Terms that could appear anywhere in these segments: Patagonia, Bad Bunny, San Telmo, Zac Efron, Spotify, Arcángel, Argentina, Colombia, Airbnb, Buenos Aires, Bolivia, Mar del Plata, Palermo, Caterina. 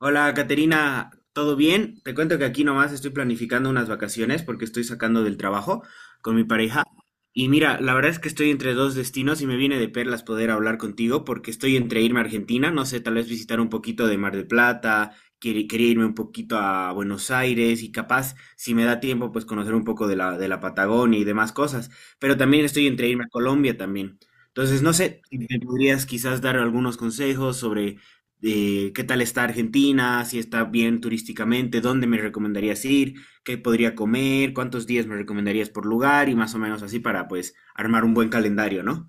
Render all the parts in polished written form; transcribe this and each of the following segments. Hola, Caterina, ¿todo bien? Te cuento que aquí nomás estoy planificando unas vacaciones porque estoy sacando del trabajo con mi pareja. Y mira, la verdad es que estoy entre dos destinos y me viene de perlas poder hablar contigo porque estoy entre irme a Argentina, no sé, tal vez visitar un poquito de Mar del Plata, quería irme un poquito a Buenos Aires y capaz, si me da tiempo, pues conocer un poco de de la Patagonia y demás cosas. Pero también estoy entre irme a Colombia también. Entonces, no sé, si me podrías quizás dar algunos consejos sobre de qué tal está Argentina, si está bien turísticamente, dónde me recomendarías ir, qué podría comer, cuántos días me recomendarías por lugar y más o menos así para pues armar un buen calendario, ¿no?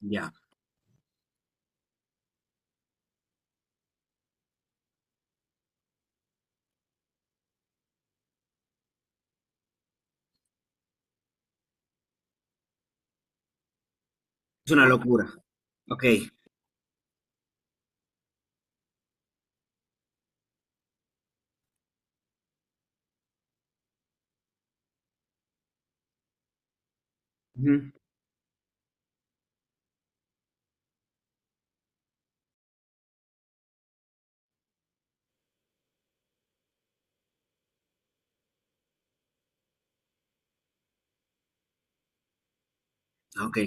Ya, es una locura. Ok, ujú, ok,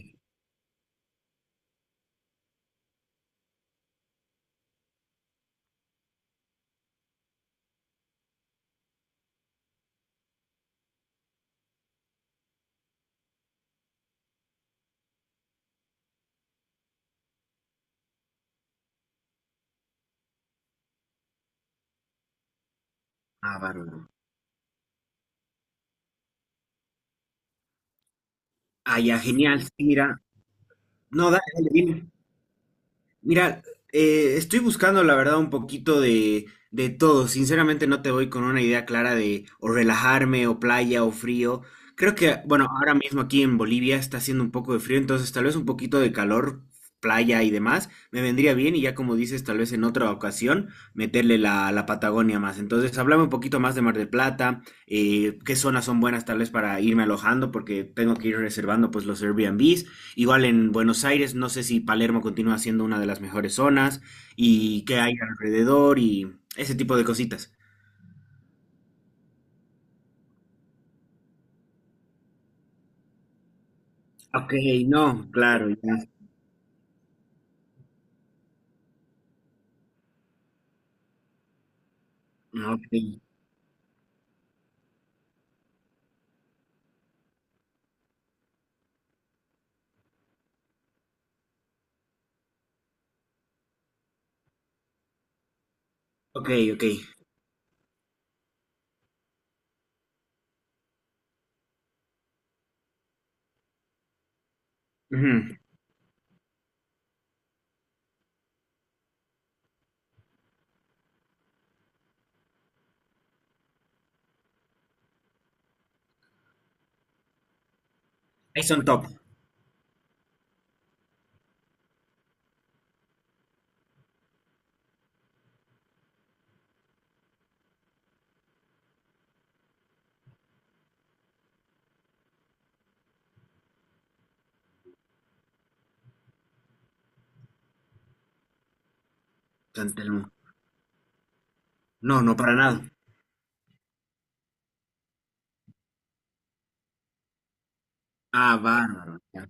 ah, bárbaro. Ah, ya, genial, sí, mira. No, dale, dale, dime. Mira, estoy buscando la verdad un poquito de todo. Sinceramente no te voy con una idea clara de o relajarme o playa o frío. Creo que, bueno, ahora mismo aquí en Bolivia está haciendo un poco de frío, entonces tal vez un poquito de calor, playa y demás, me vendría bien y ya como dices, tal vez en otra ocasión meterle la Patagonia más. Entonces, hablame un poquito más de Mar del Plata, qué zonas son buenas tal vez para irme alojando, porque tengo que ir reservando pues los Airbnbs. Igual en Buenos Aires, no sé si Palermo continúa siendo una de las mejores zonas y qué hay alrededor y ese tipo de cositas. Ok, no, claro, ya. No, ok, ok, ok. Ujú. Ahí son top. San Telmo. No, no para nada. Ah, bárbaro, ya.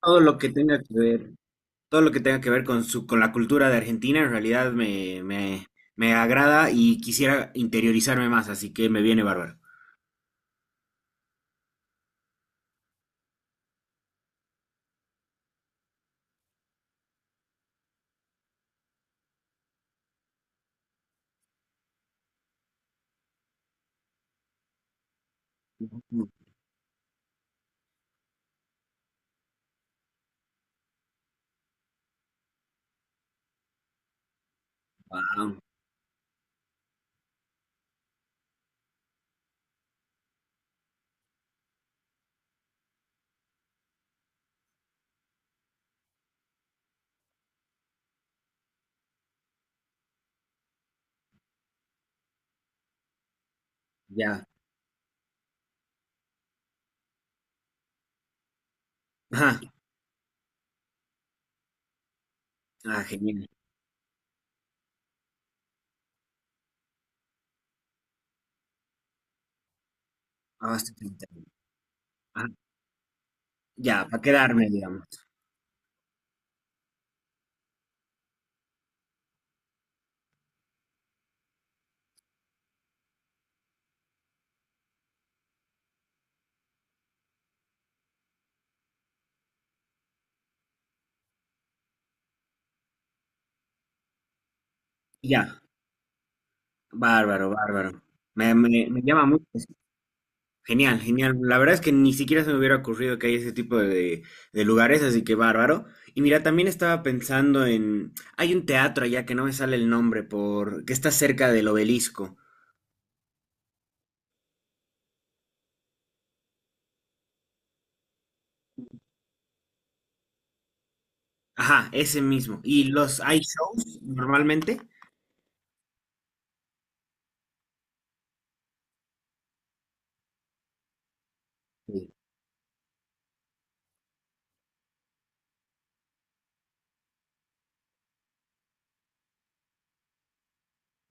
Todo lo que tenga que ver, todo lo que tenga que ver con su, con la cultura de Argentina, en realidad me agrada y quisiera interiorizarme más, así que me viene bárbaro. Wow, ya. Ajá. Ah, genial. Ah, está bien. Ah, ya, para quedarme, digamos. Ya, bárbaro, bárbaro. Me llama mucho. Genial, genial. La verdad es que ni siquiera se me hubiera ocurrido que hay ese tipo de lugares, así que bárbaro. Y mira, también estaba pensando en… Hay un teatro allá que no me sale el nombre, por, que está cerca del obelisco. Ajá, ese mismo. ¿Y los hay shows normalmente? Sí.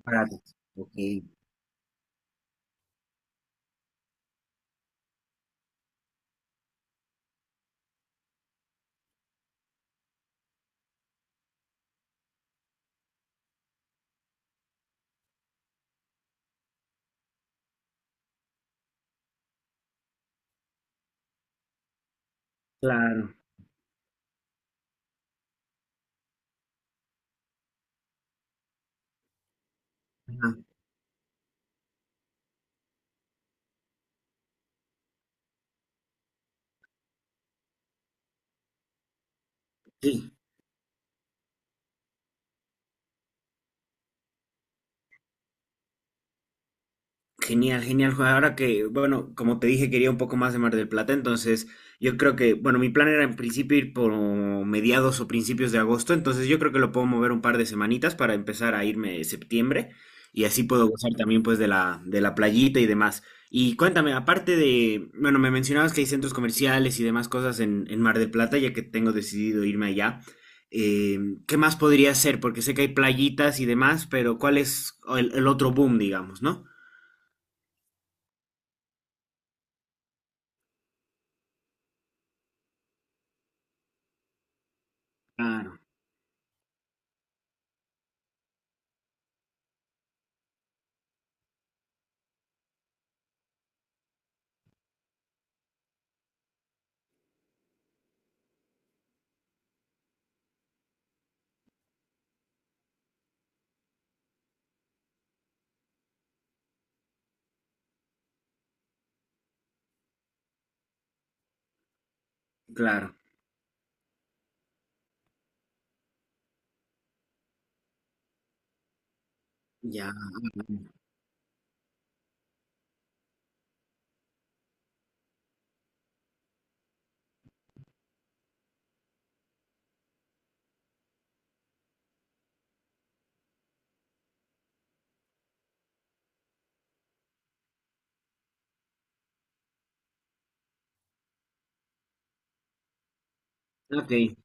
Baratos. Ok, claro. Ajá, sí. Genial, genial, Juan. Ahora que, bueno, como te dije, quería un poco más de Mar del Plata, entonces yo creo que, bueno, mi plan era en principio ir por mediados o principios de agosto, entonces yo creo que lo puedo mover un par de semanitas para empezar a irme septiembre y así puedo gozar también pues de de la playita y demás. Y cuéntame, aparte de, bueno, me mencionabas que hay centros comerciales y demás cosas en Mar del Plata, ya que tengo decidido irme allá. Eh, ¿qué más podría hacer? Porque sé que hay playitas y demás, pero ¿cuál es el otro boom, digamos, ¿no? Claro. Claro, ya. Ok.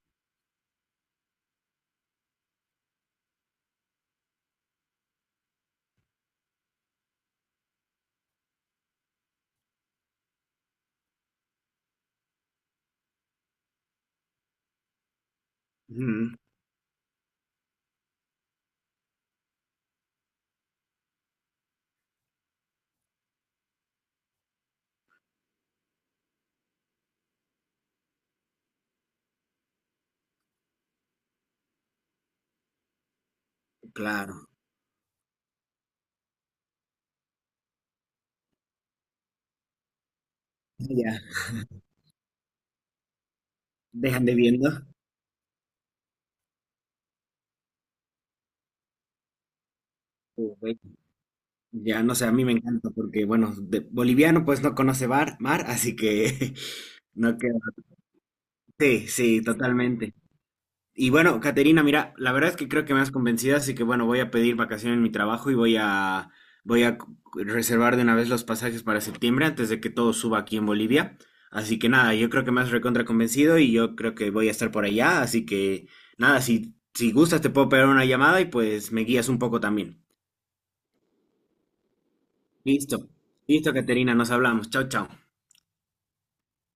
Ujú. Claro. Ya. Dejan de viendo. Ujú. Ya, no sé, a mí me encanta porque, bueno, de- boliviano pues no conoce mar, así que no queda. Sí, sí, totalmente. Y bueno, Caterina, mira, la verdad es que creo que me has convencido, así que bueno, voy a pedir vacaciones en mi trabajo y voy a reservar de una vez los pasajes para septiembre antes de que todo suba aquí en Bolivia. Así que nada, yo creo que me has recontra convencido y yo creo que voy a estar por allá, así que nada, si gustas te puedo pegar una llamada y pues me guías un poco también. Listo. Listo, Caterina, nos hablamos. Chao, chao.